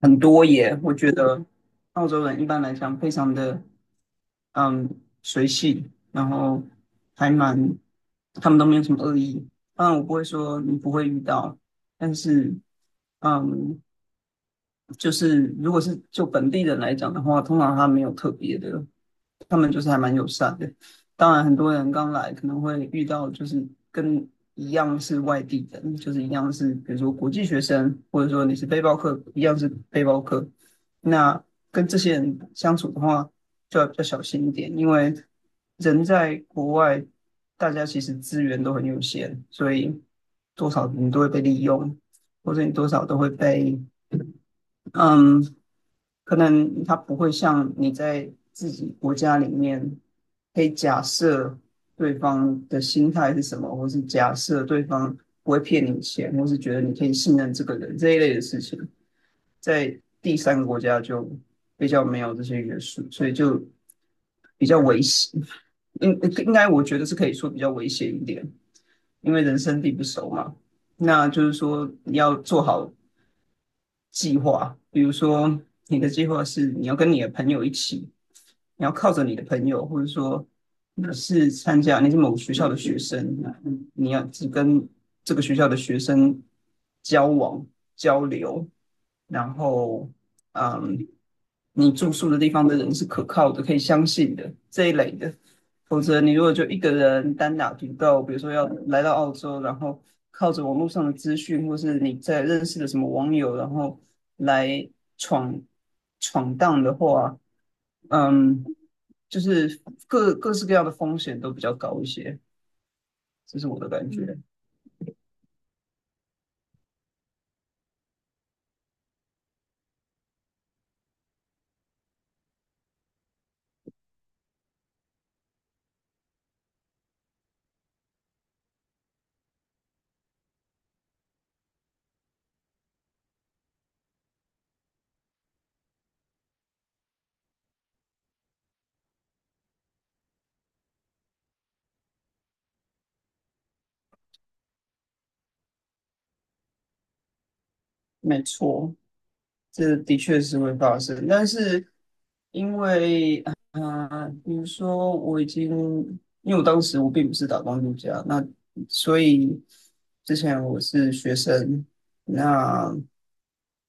很多耶，我觉得澳洲人一般来讲非常的嗯随性，然后还蛮他们都没有什么恶意。当然我不会说你不会遇到，但是嗯就是如果是就本地人来讲的话，通常他没有特别的，他们就是还蛮友善的。当然，很多人刚来可能会遇到就是跟一样是外地人，就是一样是比如说国际学生，或者说你是背包客，一样是背包客。那跟这些人相处的话，就要比较小心一点，因为人在国外，大家其实资源都很有限，所以多少你都会被利用，或者你多少都会被嗯。可能他不会像你在自己国家里面可以假设对方的心态是什么，或是假设对方不会骗你钱，或是觉得你可以信任这个人这一类的事情，在第三个国家就比较没有这些约束，所以就比较危险。应应该我觉得是可以说比较危险一点，因为人生地不熟嘛。那就是说，你要做好计划，比如说你的计划是你要跟你的朋友一起，你要靠着你的朋友，或者说你是参加你是某学校的学生，你要只跟这个学校的学生交往交流，然后嗯，你住宿的地方的人是可靠的，可以相信的这一类的。否则你如果就一个人单打独斗，比如说要来到澳洲，然后靠着网络上的资讯，或是你在认识的什么网友，然后来闯闯荡的话，嗯，就是各式各样的风险都比较高一些，这是我的感觉。没错，这的确是会发生，但是因为啊，比如说我已经，因为我当时我并不是打工度假，那所以之前我是学生，那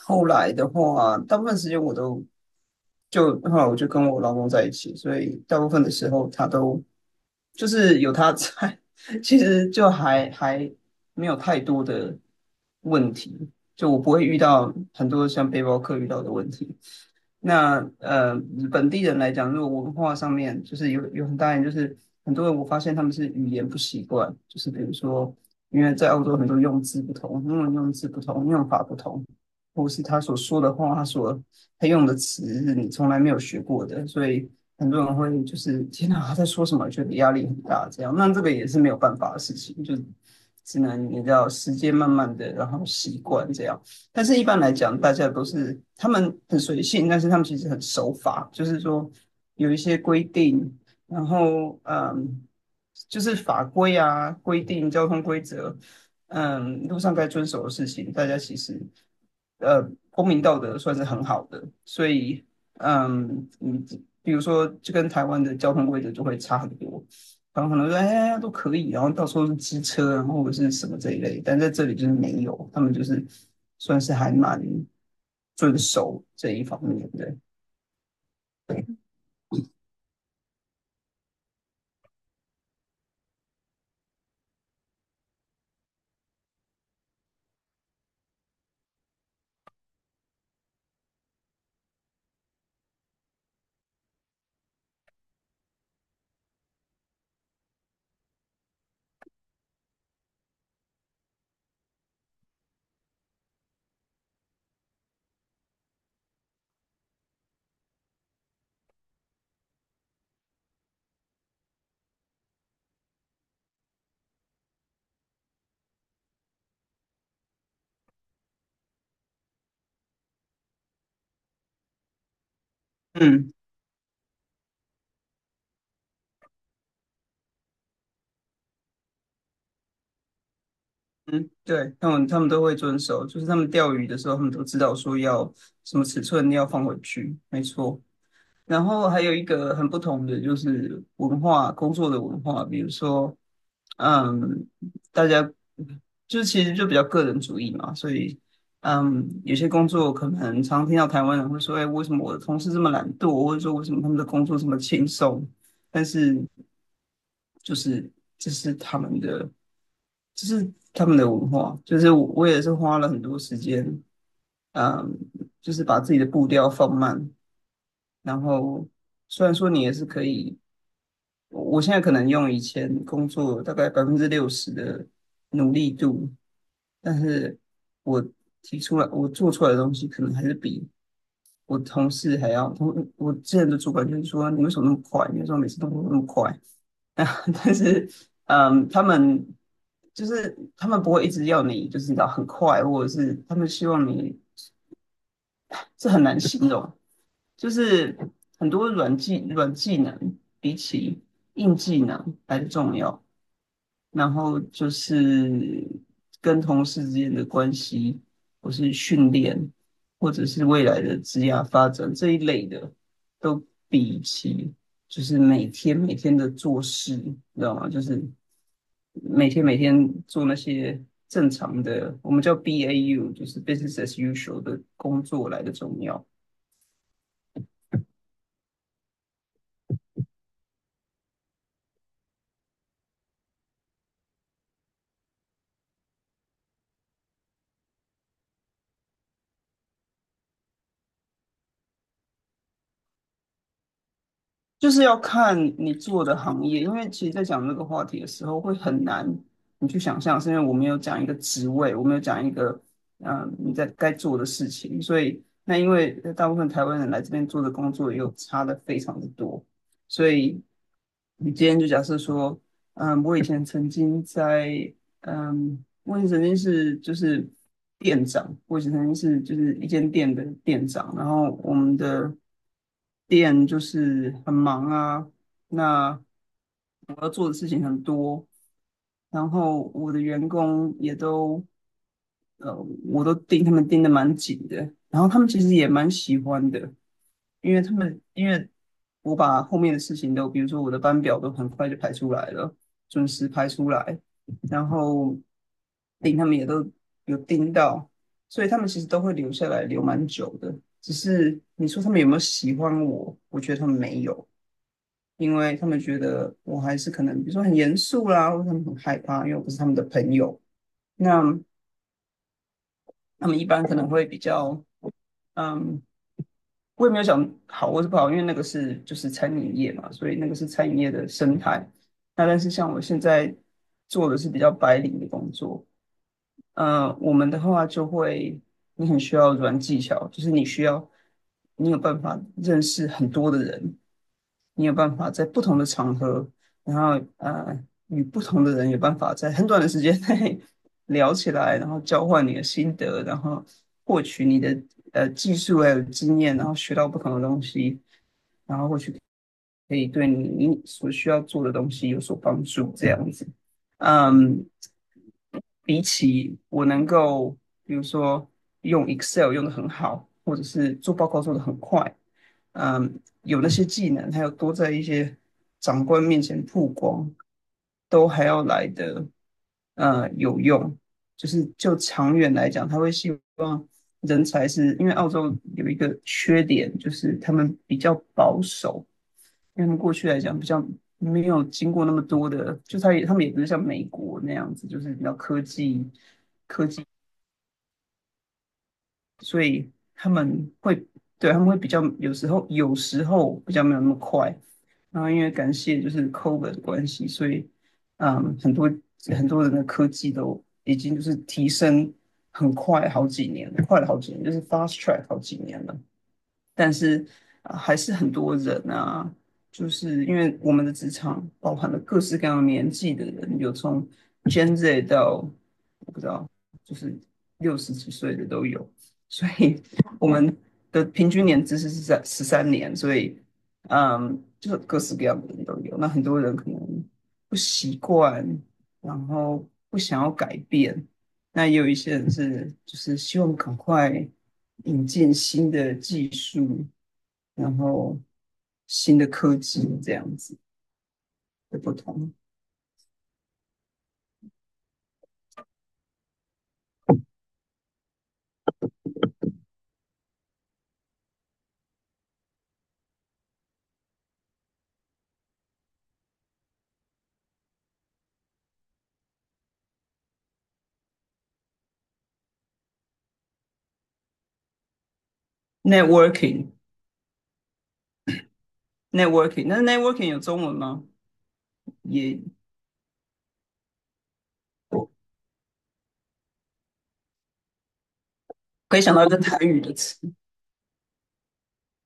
后来的话，大部分时间我都就后来我就跟我老公在一起，所以大部分的时候他都就是有他在，其实就还没有太多的问题。就我不会遇到很多像背包客遇到的问题。那本地人来讲，如果文化上面就是有很大一点，就是很多人我发现他们是语言不习惯，就是比如说，因为在澳洲很多用字不同，英文用字不同，用法不同，或是他所说的话，他用的词是你从来没有学过的，所以很多人会就是天哪，他在说什么，觉得压力很大，这样。那这个也是没有办法的事情，就只能你知道时间慢慢的，然后习惯这样。但是一般来讲，大家都是他们很随性，但是他们其实很守法，就是说有一些规定，然后就是法规啊、规定、交通规则，路上该遵守的事情，大家其实呃公民道德算是很好的，所以你比如说就跟台湾的交通规则就会差很多，然后可能说哎都可以，然后到时候是机车啊，然后或者是什么这一类，但在这里就是没有，他们就是算是还蛮遵守这一方面的，嗯。嗯，对，他们都会遵守，就是他们钓鱼的时候，他们都知道说要什么尺寸要放回去，没错。然后还有一个很不同的就是文化，工作的文化，比如说，嗯，大家就其实就比较个人主义嘛，所以，有些工作可能常听到台湾人会说，哎，为什么我的同事这么懒惰，或者说为什么他们的工作这么轻松？但是就是这是他们的，这是他们的文化，就是我也是花了很多时间，嗯，就是把自己的步调放慢，然后虽然说你也是可以。我现在可能用以前工作大概60%的努力度，但是我提出来我做出来的东西，可能还是比我同事还要同我之前的主管就是说你为什么那么快？你为什么每次动作那么快？啊，但是他们就是他们不会一直要你就是你知道很快，或者是他们希望你是很难形容。就是很多软技能比起硬技能来的重要。然后就是跟同事之间的关系，或是训练，或者是未来的职业发展这一类的，都比起就是每天每天的做事，你知道吗？就是每天每天做那些正常的，我们叫 BAU，就是 business as usual 的工作来的重要。就是要看你做的行业，因为其实，在讲这个话题的时候，会很难你去想象，是因为我没有讲一个职位，我没有讲一个你在该做的事情，所以那因为大部分台湾人来这边做的工作又差的非常的多，所以你今天就假设说，我以前曾经在我以前曾经是就是店长，我以前曾经是就是一间店的店长，然后我们的店就是很忙啊，那我要做的事情很多，然后我的员工也都呃，我都盯他们盯的蛮紧的，然后他们其实也蛮喜欢的，因为他们因为我把后面的事情都，比如说我的班表都很快就排出来了，准时排出来，然后令他们也都有盯到，所以他们其实都会留下来，留蛮久的。只是你说他们有没有喜欢我？我觉得他们没有，因为他们觉得我还是可能，比如说很严肃啦，或者他们很害怕，因为我不是他们的朋友。那他们一般可能会比较，嗯。我也没有想好或是不好，因为那个是就是餐饮业嘛，所以那个是餐饮业的生态。那但是像我现在做的是比较白领的工作，我们的话就会，你很需要软技巧，就是你需要，你有办法认识很多的人，你有办法在不同的场合，然后与不同的人有办法在很短的时间内 聊起来，然后交换你的心得，然后获取你的技术还有经验，然后学到不同的东西。然后。可以对你所需要做的东西有所帮助，这样子。嗯，比起我能够，比如说用 Excel 用的很好，或者是做报告做的很快，有那些技能，还有多在一些长官面前曝光，都还要来的有用。就是就长远来讲，他会希望人才是因为澳洲有一个缺点，就是他们比较保守，因为他们过去来讲比较没有经过那么多的，就他也他们也不是像美国那样子，就是比较科技，所以他们会对他们会比较有时候比较没有那么快。然后因为感谢就是 COVID 的关系，所以嗯，很多很多人的科技都已经就是提升很快好几年了快了好几年，就是 fast track 好几年了。但是还是很多人啊，就是因为我们的职场包含了各式各样的年纪的人，有从 Gen Z 到我不知道，就是60几岁的都有，所以我们的平均年资是在33年，所以就是各式各样的人都有。那很多人可能不习惯，然后不想要改变，那也有一些人是就是希望赶快。引进新的技术，然后新的科技这样子的不同。networking networking，那 networking 有中文吗？也可以想到一个台语的词，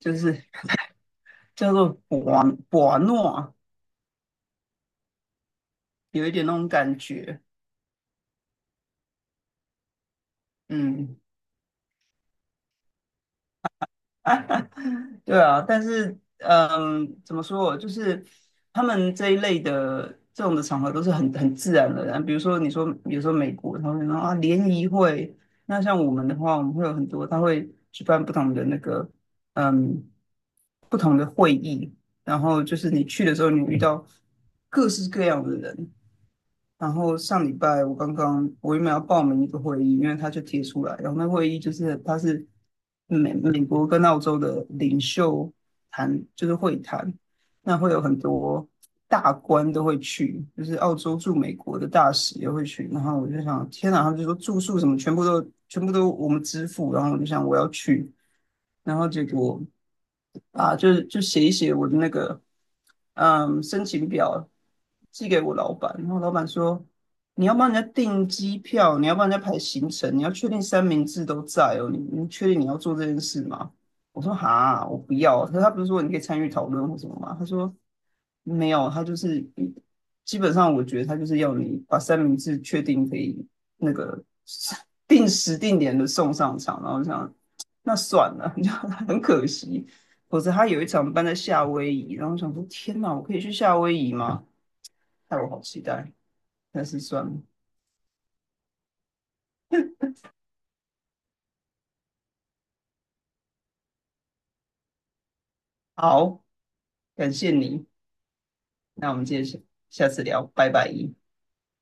就是叫做“博诺”，有一点那种感觉。嗯，对啊，但是怎么说哦，就是他们这一类的这种的场合都是很自然而然。比如说你说，比如说美国，他们说啊联谊会，那像我们的话，我们会有很多，他会举办不同的那个嗯不同的会议，然后就是你去的时候，你遇到各式各样的人，然后上礼拜我刚刚我原本要报名一个会议，因为他就贴出来，然后那会议就是他是美国跟澳洲的领袖谈，就是会谈，那会有很多大官都会去，就是澳洲驻美国的大使也会去。然后我就想，天哪！他们就说住宿什么全部都我们支付。然后我就想我要去，然后结果啊，就是就写一写我的那个申请表，寄给我老板。然后老板说。你要帮人家订机票，你要帮人家排行程，你要确定三明治都在哦。你你确定你要做这件事吗？我说哈，我不要。可是他不是说你可以参与讨论或什么吗？他说没有，他就是基本上我觉得他就是要你把三明治确定可以那个定时定点的送上场，然后这样那算了，你知道很可惜。否则他有一场办在夏威夷，然后我想说天哪，我可以去夏威夷吗？害我好期待，但是算了。好，感谢你，那我们接着下下次聊，拜拜。